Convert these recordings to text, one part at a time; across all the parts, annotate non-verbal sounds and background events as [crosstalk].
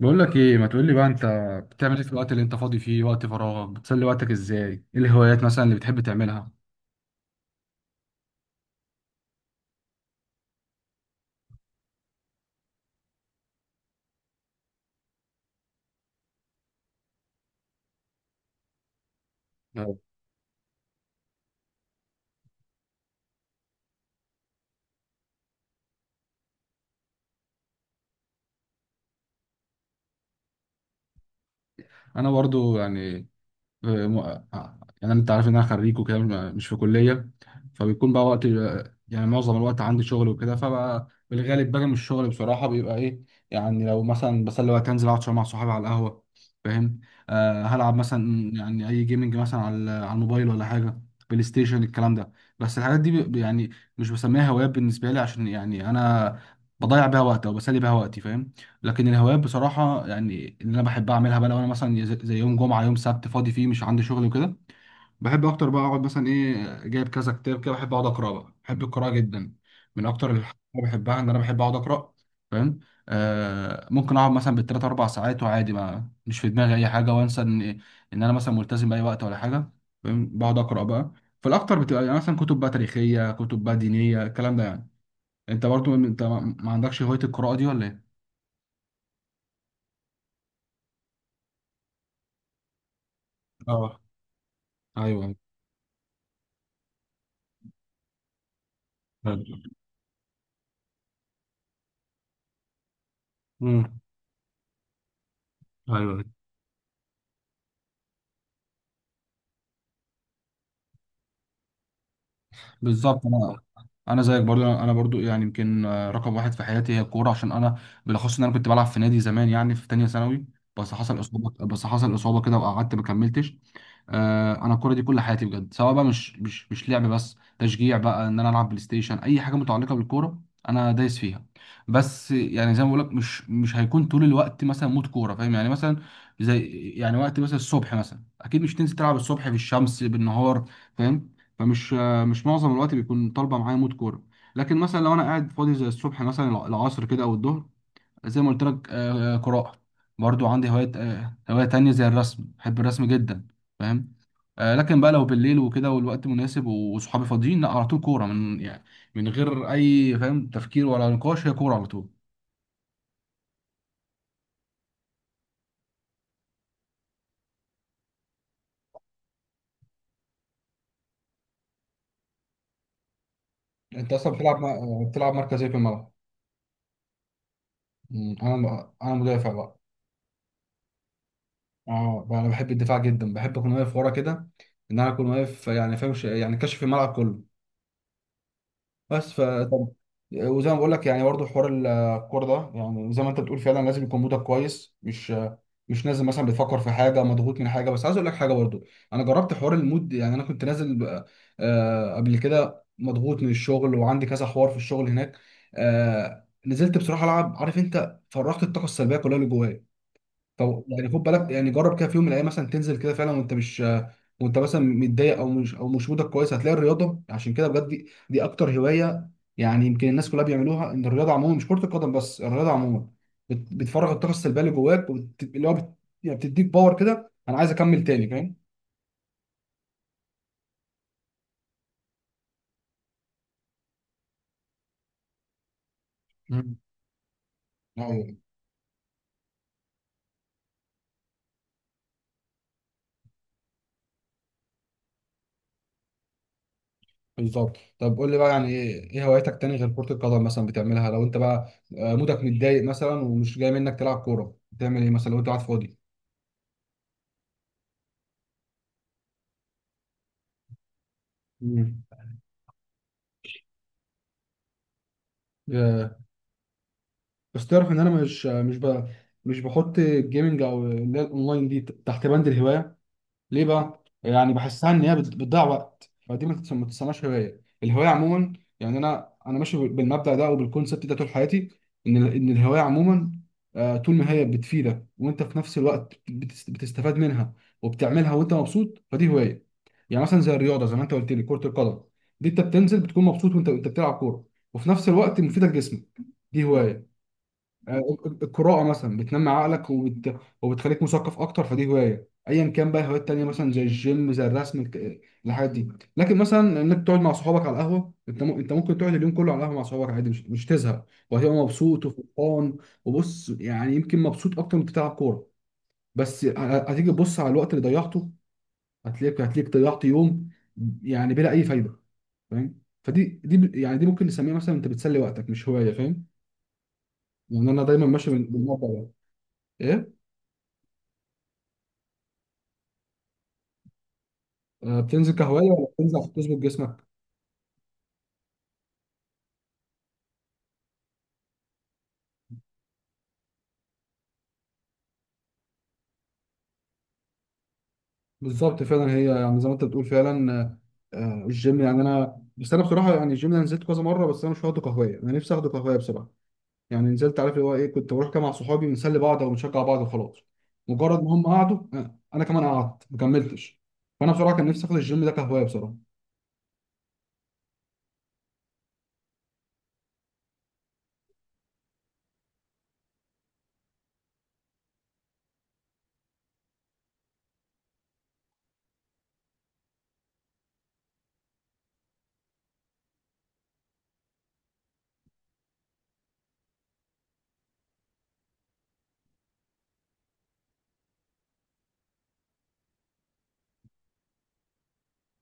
بقول لك ايه، ما تقول لي بقى انت، بتعمل ايه في الوقت اللي انت فاضي فيه؟ وقت فراغك بتسلي وقتك ازاي؟ ايه الهوايات مثلا اللي بتحب تعملها؟ نعم. انا برضو يعني آه، م- يعني انت عارف ان انا خريج وكده، مش في كليه. فبيكون بقى وقت، يعني معظم الوقت عندي شغل وكده، فبقى بالغالب باجي من الشغل بصراحه بيبقى ايه، يعني لو مثلا بسلي وقت، انزل اقعد شويه مع صحابي على القهوه. فاهم؟ آه، هلعب مثلا يعني اي جيمنج مثلا على الموبايل ولا حاجه، بلاي ستيشن الكلام ده. بس الحاجات دي يعني مش بسميها هوايات بالنسبه لي، عشان يعني انا بضيع بيها وقت او بسلي بيها وقتي. فاهم؟ لكن الهوايات بصراحة يعني اللي أنا بحب أعملها بقى، لو أنا مثلا زي يوم جمعة يوم سبت فاضي فيه مش عندي شغل وكده، بحب أكتر بقى أقعد مثلا، إيه جايب كذا كتاب كده، بحب أقعد أقرأ بقى، بحب القراءة جدا. من أكتر الحاجات اللي بحبها إن أنا بحب أقعد أقرأ. فاهم؟ آه، ممكن أقعد مثلا بالتلات أربع ساعات وعادي، ما مش في دماغي أي حاجة، وأنسى إن أنا مثلا ملتزم بأي وقت ولا حاجة. فاهم؟ بقعد أقرأ بقى. فالأكتر بتبقى يعني مثلا كتب بقى تاريخية، كتب بقى دينية، الكلام ده يعني. أنت برضو أنت ما عندكش هواية القراءة دي ولا إيه؟ اه. ايوه. امم. ايوه. بالظبط أنا- انا زيك برضو، انا برضو يعني يمكن، آه، رقم واحد في حياتي هي الكوره، عشان انا بالاخص ان انا كنت بلعب في نادي زمان، يعني في تانية ثانوي، بس حصل اصابه، كده وقعدت ما كملتش. انا الكوره دي كل حياتي بجد، سواء بقى مش لعب بس، تشجيع بقى، ان انا العب بلاي ستيشن، اي حاجه متعلقه بالكوره انا دايس فيها. بس يعني زي ما بقول لك، مش هيكون طول الوقت مثلا مود كوره. فاهم يعني؟ مثلا زي يعني وقت مثلا الصبح، مثلا اكيد مش تنزل تلعب الصبح في الشمس بالنهار. فاهم؟ فمش مش معظم الوقت بيكون طالبه معايا مود كوره. لكن مثلا لو انا قاعد فاضي زي الصبح مثلا، العصر كده او الظهر، زي ما قلت لك، قراءه. برضو عندي هوايه، آه، هوايه تانية زي الرسم، بحب الرسم جدا. فاهم؟ آه، لكن بقى لو بالليل وكده والوقت مناسب وصحابي فاضيين، لا، على طول كوره. من يعني من غير اي، فاهم، تفكير ولا نقاش، هي كوره على طول. انت اصلا بتلعب، بتلعب مركز ايه في الملعب؟ مم، انا مدافع بقى. اه بقى، انا بحب الدفاع جدا، بحب اكون واقف ورا كده، ان انا اكون واقف يعني، فاهم، يعني كاشف الملعب كله. بس ف، طب، وزي ما بقول لك يعني برضه حوار الكوره ده، يعني زي ما انت بتقول فعلا، لازم يكون مودك كويس، مش نازل مثلا بتفكر في حاجه، مضغوط من حاجه. بس عايز اقول لك حاجه برضه، انا جربت حوار المود. يعني انا كنت نازل قبل كده مضغوط من الشغل، وعندي كذا حوار في الشغل هناك، آه، نزلت بصراحه العب، عارف انت، فرغت الطاقه السلبيه كلها اللي جوايا. طب يعني خد بالك، يعني جرب كده في يوم من الايام مثلا، تنزل كده فعلا وانت مش، وانت مثلا متضايق، او مش مودك كويس، هتلاقي الرياضه عشان كده بجد، دي اكتر هوايه يعني يمكن الناس كلها بيعملوها. ان الرياضه عموما، مش كره القدم بس، الرياضه عموما بتفرغ الطاقه السلبيه اللي جواك، يعني بتديك باور كده، انا عايز اكمل تاني. فاهم؟ مم. ايوه. بالظبط. طب قول لي بقى يعني ايه، إيه هواياتك تاني غير كره القدم مثلا بتعملها لو انت بقى، آه، مودك متضايق مثلا، ومش جاي منك تلعب كوره، بتعمل ايه مثلا لو انت قاعد فاضي؟ مم. بس تعرف ان انا مش بحط الجيمنج او اللي هي الاونلاين دي تحت بند الهوايه. ليه بقى؟ يعني بحسها ان هي بتضيع وقت، فدي ما تسماش هوايه. الهوايه عموما، يعني انا ماشي بالمبدأ ده او بالكونسبت ده طول حياتي. ان ان الهوايه عموما، آه، طول ما هي بتفيدك، وانت في نفس الوقت بتستفاد منها، وبتعملها وانت مبسوط، فدي هوايه. يعني مثلا زي الرياضه، زي ما انت قلت لي، كره القدم، دي انت بتنزل بتكون مبسوط وانت بتلعب كوره، وفي نفس الوقت مفيده لجسمك، دي هوايه. آه، القراءة مثلا بتنمي عقلك، وبتخليك مثقف أكتر، فدي هواية. أيا كان بقى، هوايات تانية مثلا زي الجيم، زي الرسم، الحاجات دي. لكن مثلا إنك تقعد مع صحابك على القهوة، أنت ممكن تقعد اليوم كله على القهوة مع صحابك عادي، مش تزهق، وهتبقى مبسوط وفرحان. وبص يعني يمكن مبسوط أكتر من بتلعب كورة، بس هتيجي تبص على الوقت اللي ضيعته، هتلاقيك ضيعت يوم يعني بلا أي فايدة. فاهم؟ فدي يعني، دي ممكن نسميها مثلا أنت بتسلي وقتك، مش هواية. فاهم؟ يعني أنا دايما ماشي بالمبدأ ده. ايه؟ آه، بتنزل كهواية ولا بتنزل عشان تظبط جسمك؟ بالظبط، فعلا هي يعني زي ما انت بتقول فعلا، الجيم، يعني انا بس انا بصراحة يعني الجيم انا نزلت كذا مرة، بس انا مش واخده كهواية، انا نفسي اخده كهواية بصراحة. يعني نزلت، عارف اللي هو ايه، كنت بروح كده مع صحابي، بنسلي بعض او بنشجع بعض وخلاص. مجرد ما هم قعدوا، آه، انا كمان قعدت ما كملتش. فانا بصراحة كان نفسي اخد الجيم ده كهواية بصراحة.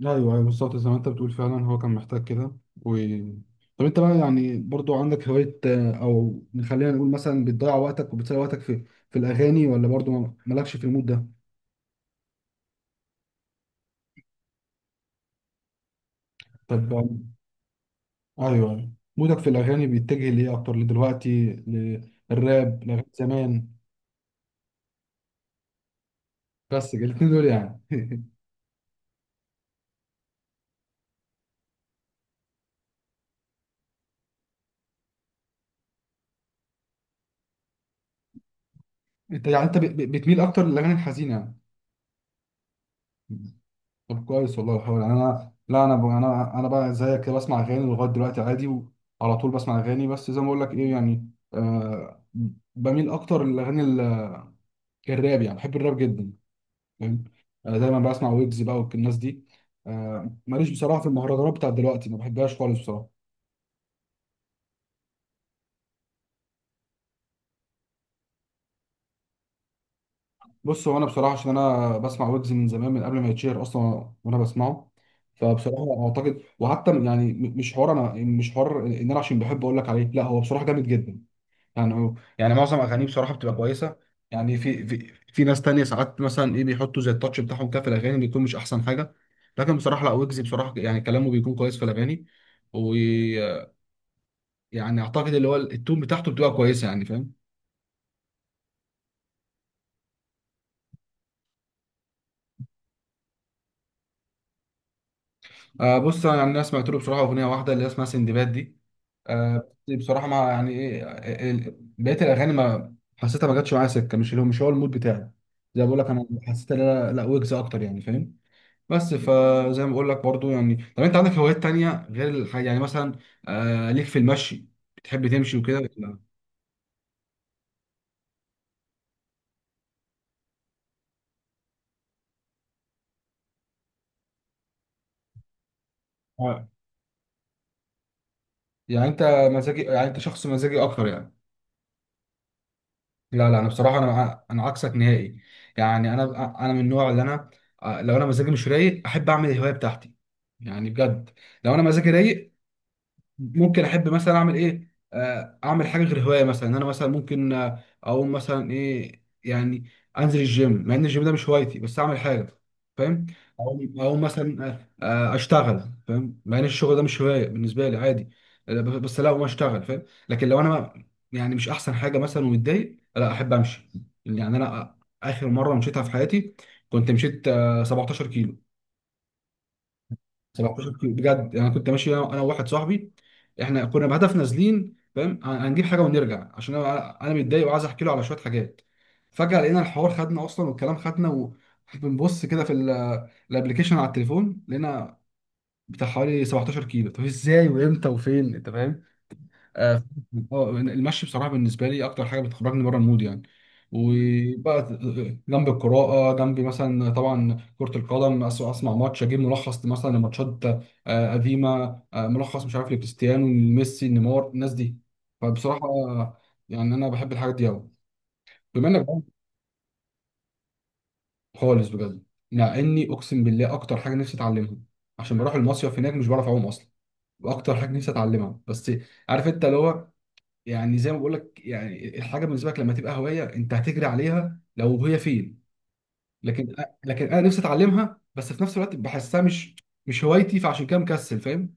ايوه، ايوه، بالظبط زي ما انت بتقول، فعلا هو كان محتاج كده. و... طب انت بقى يعني برضو عندك هواية، آه، او خلينا نقول مثلا بتضيع وقتك وبتسلي وقتك في الاغاني، ولا برضو مالكش في المود ده؟ طب آه، ايوه، أيوة. مودك في الاغاني بيتجه ليه اكتر لدلوقتي، للراب، لاغاني زمان؟ بس الاتنين دول يعني [laughs] انت يعني انت بتميل اكتر للاغاني الحزينة يعني. طب كويس والله الحوار، يعني انا لا، انا انا بقى زيك كده، بسمع اغاني لغايه دلوقتي عادي، وعلى طول بسمع اغاني. بس زي ما بقول لك، ايه يعني، آه، بميل اكتر للاغاني الراب، يعني بحب الراب جدا. فاهم؟ آه، دايما بسمع ويجز بقى والناس دي. آه، ماليش بصراحه في المهرجانات بتاعت دلوقتي، ما بحبهاش خالص بصراحه. بص، هو انا بصراحه عشان انا بسمع ويجز من زمان، من قبل ما يتشهر اصلا وانا بسمعه، فبصراحه اعتقد، وحتى يعني مش حوار انا، مش حوار ان انا عشان بحب اقول لك عليه، لا هو بصراحه جامد جدا. يعني هو يعني معظم اغانيه بصراحه بتبقى كويسه. يعني في في ناس تانية ساعات مثلا ايه، بيحطوا زي التاتش بتاعهم كده في الاغاني، بيكون مش احسن حاجه. لكن بصراحه لا، ويجز بصراحه يعني كلامه بيكون كويس في الاغاني، ويعني اعتقد اللي هو التون بتاعته بتبقى كويسه. يعني فاهم؟ آه بص، انا يعني أنا سمعت له بصراحه اغنيه واحده اللي هي اسمها سندباد دي، آه، بصراحه ما يعني ايه، آه، بقيه الاغاني ما حسيتها، ما جاتش معايا سكه، مش اللي هو، مش هو المود بتاعي. زي ما بقول لك، انا حسيت ان انا لا، ويجز اكتر. يعني فاهم؟ بس، فزي ما بقول لك برضو يعني، طب انت عندك هوايات تانية غير الحاجة يعني، مثلا آه، ليك في المشي؟ بتحب تمشي وكده ولا؟ آه. يعني انت، مزاجي، يعني انت شخص مزاجي اكتر يعني. لا لا، انا بصراحة انا انا عكسك نهائي. يعني انا، انا من النوع اللي انا، آه، لو انا مزاجي مش رايق، احب اعمل الهواية بتاعتي، يعني بجد. لو انا مزاجي رايق، ممكن احب مثلا اعمل ايه، آه، اعمل حاجه غير هوايه، مثلا إن انا مثلا ممكن، آه، اقوم مثلا ايه يعني، انزل الجيم، مع ان الجيم ده مش هوايتي بس اعمل حاجه. فاهم؟ اقوم مثلا، اشتغل، فاهم، مع ان الشغل ده مش هوايه بالنسبه لي، عادي، آه، بس لا، اقوم اشتغل. فاهم؟ لكن لو انا يعني مش احسن حاجه مثلا ومتضايق، لا، احب امشي. يعني انا اخر مره مشيتها في حياتي، كنت مشيت، آه، 17 كيلو. 17 كيلو بجد، يعني كنت ماشي انا، أنا وواحد صاحبي، احنا كنا بهدف نازلين، فاهم، هنجيب حاجه ونرجع، عشان انا، انا متضايق وعايز احكي له على شويه حاجات، فجاه لقينا الحوار خدنا اصلا والكلام خدنا، وبنبص كده في الابلكيشن على التليفون، لقينا بتاع حوالي 17 كيلو. طب ازاي وامتى وفين انت؟ فاهم؟ اه. آه، المشي بصراحه بالنسبه لي اكتر حاجه بتخرجني بره المود يعني. وبقى، آه، جنب القراءه، جنب مثلا طبعا كره القدم، اسمع ماتش، اجيب ملخص مثلا لماتشات، آه، قديمه، آه، ملخص مش عارف لكريستيانو، ميسي، نيمار، الناس دي. فبصراحه آه، يعني انا بحب الحاجات دي قوي. بما انك بقى- خالص بجد، مع اني اقسم بالله اكتر حاجه نفسي اتعلمها، عشان بروح المصيف هناك مش بعرف اعوم اصلا، واكتر حاجه نفسي اتعلمها، بس عارف انت اللي هو، يعني زي ما بقول لك، يعني الحاجه بالنسبه لك لما تبقى هوايه، انت هتجري عليها لو هي فين. لكن لكن انا نفسي اتعلمها، بس في نفس الوقت بحسها مش، مش هوايتي، فعشان كده مكسل. فاهم؟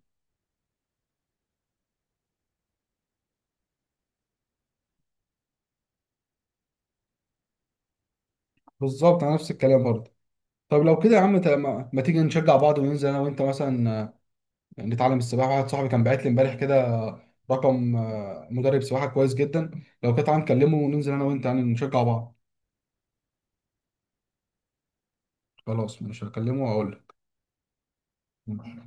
بالظبط، انا نفس الكلام برضه. طب لو كده يا عم، ما تيجي نشجع بعض وننزل انا وانت مثلا، آه، نتعلم السباحه. واحد صاحبي كان باعت لي امبارح كده رقم، آه، مدرب سباحه كويس جدا. لو كده تعالى نكلمه، وننزل انا وانت يعني نشجع بعض. خلاص، مش هكلمه واقول لك.